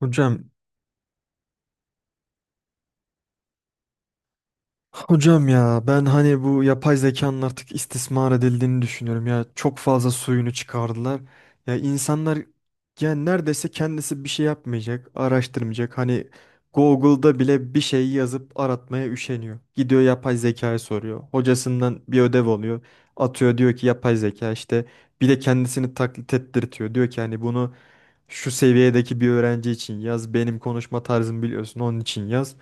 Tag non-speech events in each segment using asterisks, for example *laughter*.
Hocam, hocam, ya ben hani bu yapay zekanın artık istismar edildiğini düşünüyorum ya. Çok fazla suyunu çıkardılar. Ya insanlar yani neredeyse kendisi bir şey yapmayacak, araştırmayacak. Hani Google'da bile bir şey yazıp aratmaya üşeniyor. Gidiyor yapay zekaya soruyor. Hocasından bir ödev alıyor. Atıyor diyor ki yapay zeka işte bir de kendisini taklit ettirtiyor. Diyor ki hani bunu şu seviyedeki bir öğrenci için yaz. Benim konuşma tarzımı biliyorsun onun için yaz.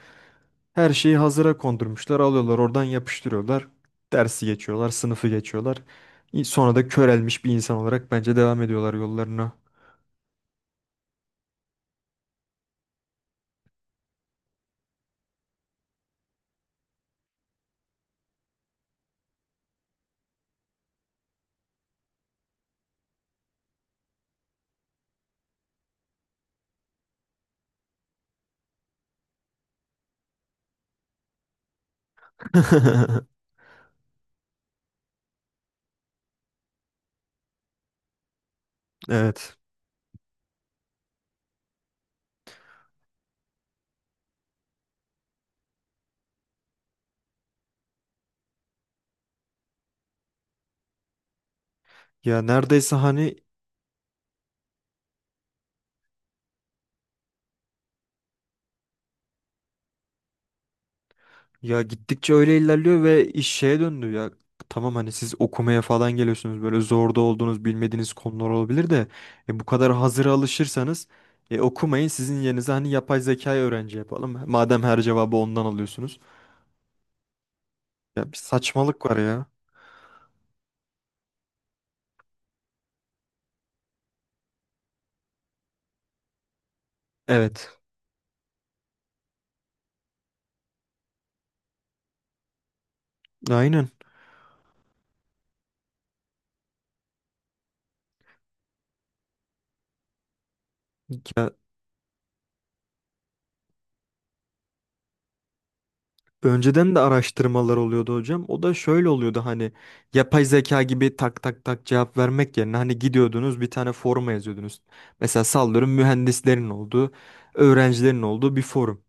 Her şeyi hazıra kondurmuşlar. Alıyorlar oradan yapıştırıyorlar. Dersi geçiyorlar, sınıfı geçiyorlar. Sonra da körelmiş bir insan olarak bence devam ediyorlar yollarına. *laughs* Evet. Ya neredeyse hani, ya gittikçe öyle ilerliyor ve iş şeye döndü ya. Tamam, hani siz okumaya falan geliyorsunuz böyle zorda olduğunuz bilmediğiniz konular olabilir de bu kadar hazıra alışırsanız okumayın, sizin yerinize hani yapay zekayı öğrenci yapalım. Madem her cevabı ondan alıyorsunuz. Ya bir saçmalık var ya. Evet. Aynen. Ya önceden de araştırmalar oluyordu hocam. O da şöyle oluyordu, hani yapay zeka gibi tak tak tak cevap vermek yerine hani gidiyordunuz bir tane foruma yazıyordunuz. Mesela sallıyorum, mühendislerin olduğu, öğrencilerin olduğu bir forum.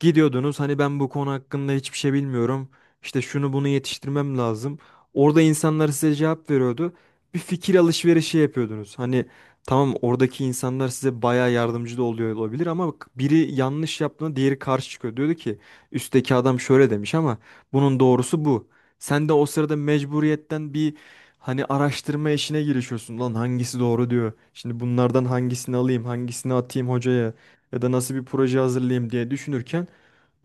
Gidiyordunuz hani ben bu konu hakkında hiçbir şey bilmiyorum. İşte şunu bunu yetiştirmem lazım. Orada insanlar size cevap veriyordu. Bir fikir alışverişi yapıyordunuz. Hani tamam, oradaki insanlar size bayağı yardımcı da oluyor olabilir ama bak, biri yanlış yaptığında diğeri karşı çıkıyor. Diyordu ki üstteki adam şöyle demiş ama bunun doğrusu bu. Sen de o sırada mecburiyetten bir hani araştırma işine girişiyorsun. Lan hangisi doğru diyor. Şimdi bunlardan hangisini alayım, hangisini atayım hocaya ya da nasıl bir proje hazırlayayım diye düşünürken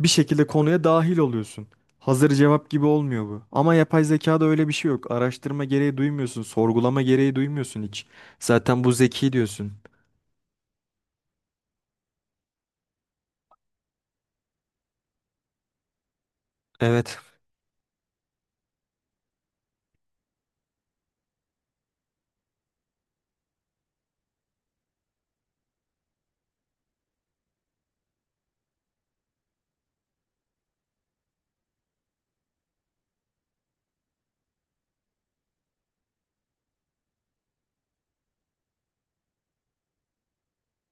bir şekilde konuya dahil oluyorsun. Hazır cevap gibi olmuyor bu. Ama yapay zekada öyle bir şey yok. Araştırma gereği duymuyorsun, sorgulama gereği duymuyorsun hiç. Zaten bu zeki diyorsun. Evet.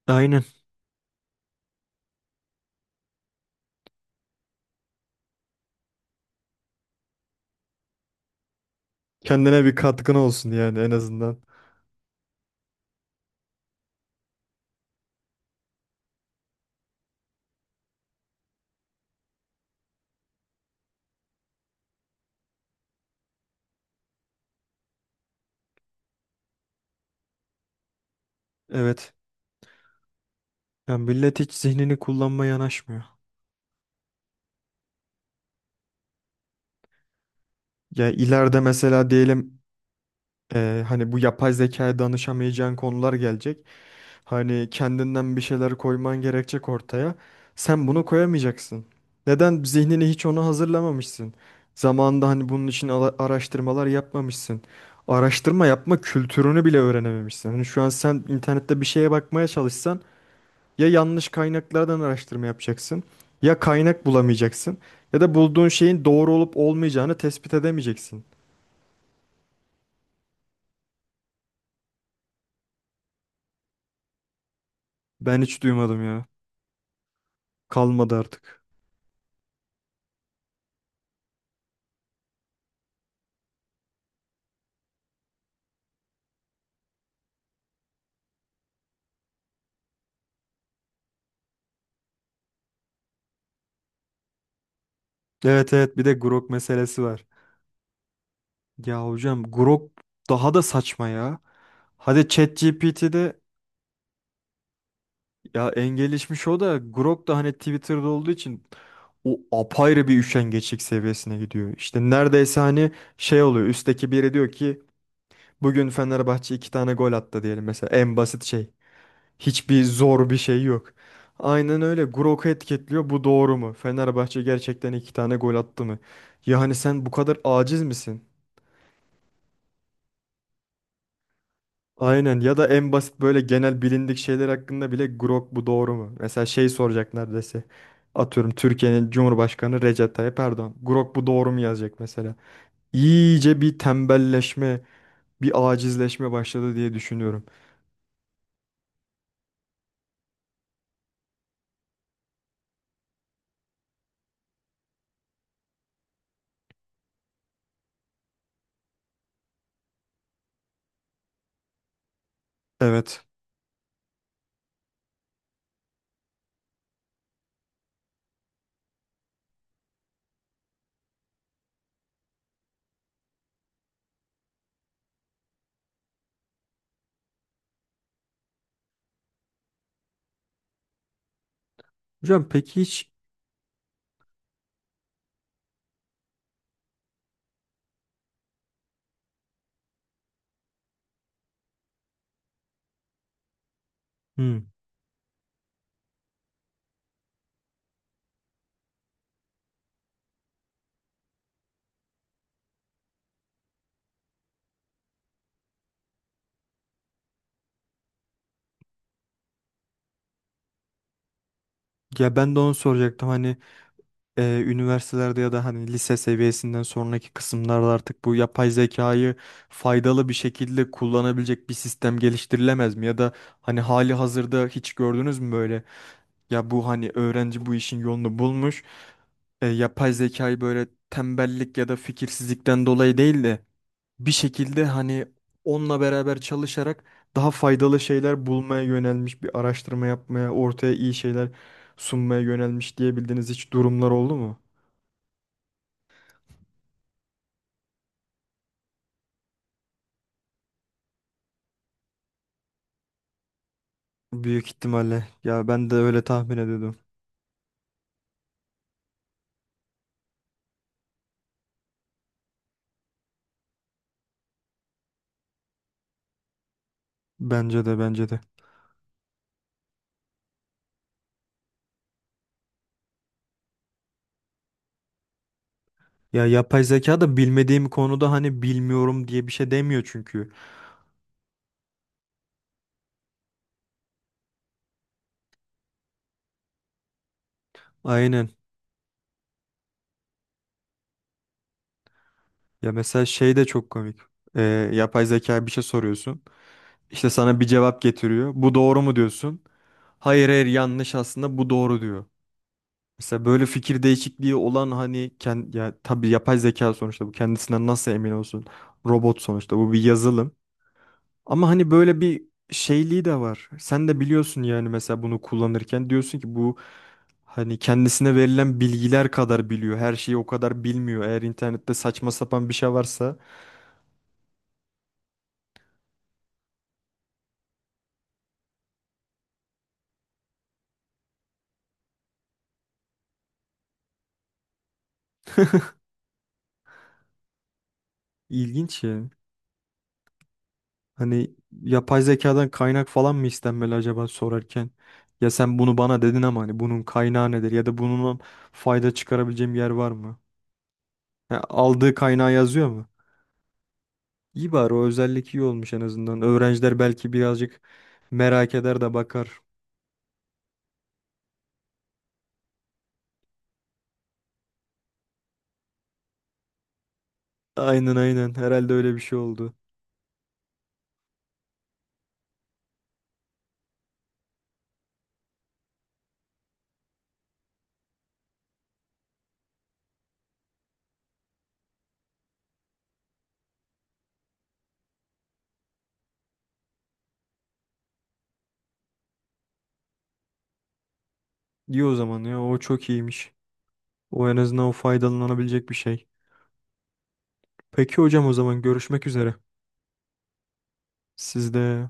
Aynen. Kendine bir katkın olsun yani, en azından. Evet. Yani millet hiç zihnini kullanmaya yanaşmıyor. Ya ileride mesela diyelim, hani bu yapay zekaya danışamayacağın konular gelecek. Hani kendinden bir şeyler koyman gerekecek ortaya. Sen bunu koyamayacaksın. Neden? Zihnini hiç ona hazırlamamışsın. Zamanında hani bunun için araştırmalar yapmamışsın. Araştırma yapma kültürünü bile öğrenememişsin. Hani şu an sen internette bir şeye bakmaya çalışsan ya yanlış kaynaklardan araştırma yapacaksın, ya kaynak bulamayacaksın, ya da bulduğun şeyin doğru olup olmayacağını tespit edemeyeceksin. Ben hiç duymadım ya. Kalmadı artık. Evet, evet, bir de Grok meselesi var. Ya hocam, Grok daha da saçma ya. Hadi ChatGPT'de, ya en gelişmiş o da Grok da hani Twitter'da olduğu için o apayrı bir üşengeçlik seviyesine gidiyor. İşte neredeyse hani şey oluyor, üstteki biri diyor ki bugün Fenerbahçe iki tane gol attı diyelim mesela, en basit şey. Hiçbir zor bir şey yok. Aynen öyle, Grok'u etiketliyor, bu doğru mu? Fenerbahçe gerçekten iki tane gol attı mı? Ya hani sen bu kadar aciz misin? Aynen, ya da en basit böyle genel bilindik şeyler hakkında bile Grok bu doğru mu? Mesela şey soracak neredeyse. Atıyorum, Türkiye'nin Cumhurbaşkanı Recep Tayyip Erdoğan. Grok bu doğru mu yazacak mesela. İyice bir tembelleşme, bir acizleşme başladı diye düşünüyorum. Evet. Hocam peki hiç, hmm, ya ben de onu soracaktım. Hani üniversitelerde ya da hani lise seviyesinden sonraki kısımlarda artık bu yapay zekayı faydalı bir şekilde kullanabilecek bir sistem geliştirilemez mi? Ya da hani hali hazırda hiç gördünüz mü böyle? Ya bu hani öğrenci bu işin yolunu bulmuş. Yapay zekayı böyle tembellik ya da fikirsizlikten dolayı değil de bir şekilde hani onunla beraber çalışarak daha faydalı şeyler bulmaya yönelmiş, bir araştırma yapmaya, ortaya iyi şeyler sunmaya yönelmiş diyebildiğiniz hiç durumlar oldu mu? Büyük ihtimalle. Ya ben de öyle tahmin ediyordum. Bence de, bence de. Ya yapay zeka da bilmediğim konuda hani bilmiyorum diye bir şey demiyor çünkü. Aynen. Ya mesela şey de çok komik. Ee, yapay zeka bir şey soruyorsun. İşte sana bir cevap getiriyor. Bu doğru mu diyorsun? Hayır, hayır, yanlış, aslında bu doğru diyor. Mesela böyle fikir değişikliği olan hani ya tabii yapay zeka sonuçta, bu kendisinden nasıl emin olsun? Robot sonuçta, bu bir yazılım. Ama hani böyle bir şeyliği de var. Sen de biliyorsun yani, mesela bunu kullanırken diyorsun ki bu hani kendisine verilen bilgiler kadar biliyor. Her şeyi o kadar bilmiyor. Eğer internette saçma sapan bir şey varsa *laughs* ilginç ya. Hani yapay zekadan kaynak falan mı istenmeli acaba sorarken? Ya sen bunu bana dedin ama hani bunun kaynağı nedir ya da bunun fayda çıkarabileceğim yer var mı? Ha, aldığı kaynağı yazıyor mu? İyi, bari o özellik iyi olmuş en azından. Öğrenciler belki birazcık merak eder de bakar. Aynen, aynen, herhalde öyle bir şey oldu. İyi o zaman, ya o çok iyiymiş. O en azından o faydalanabilecek bir şey. Peki hocam, o zaman görüşmek üzere. Sizde.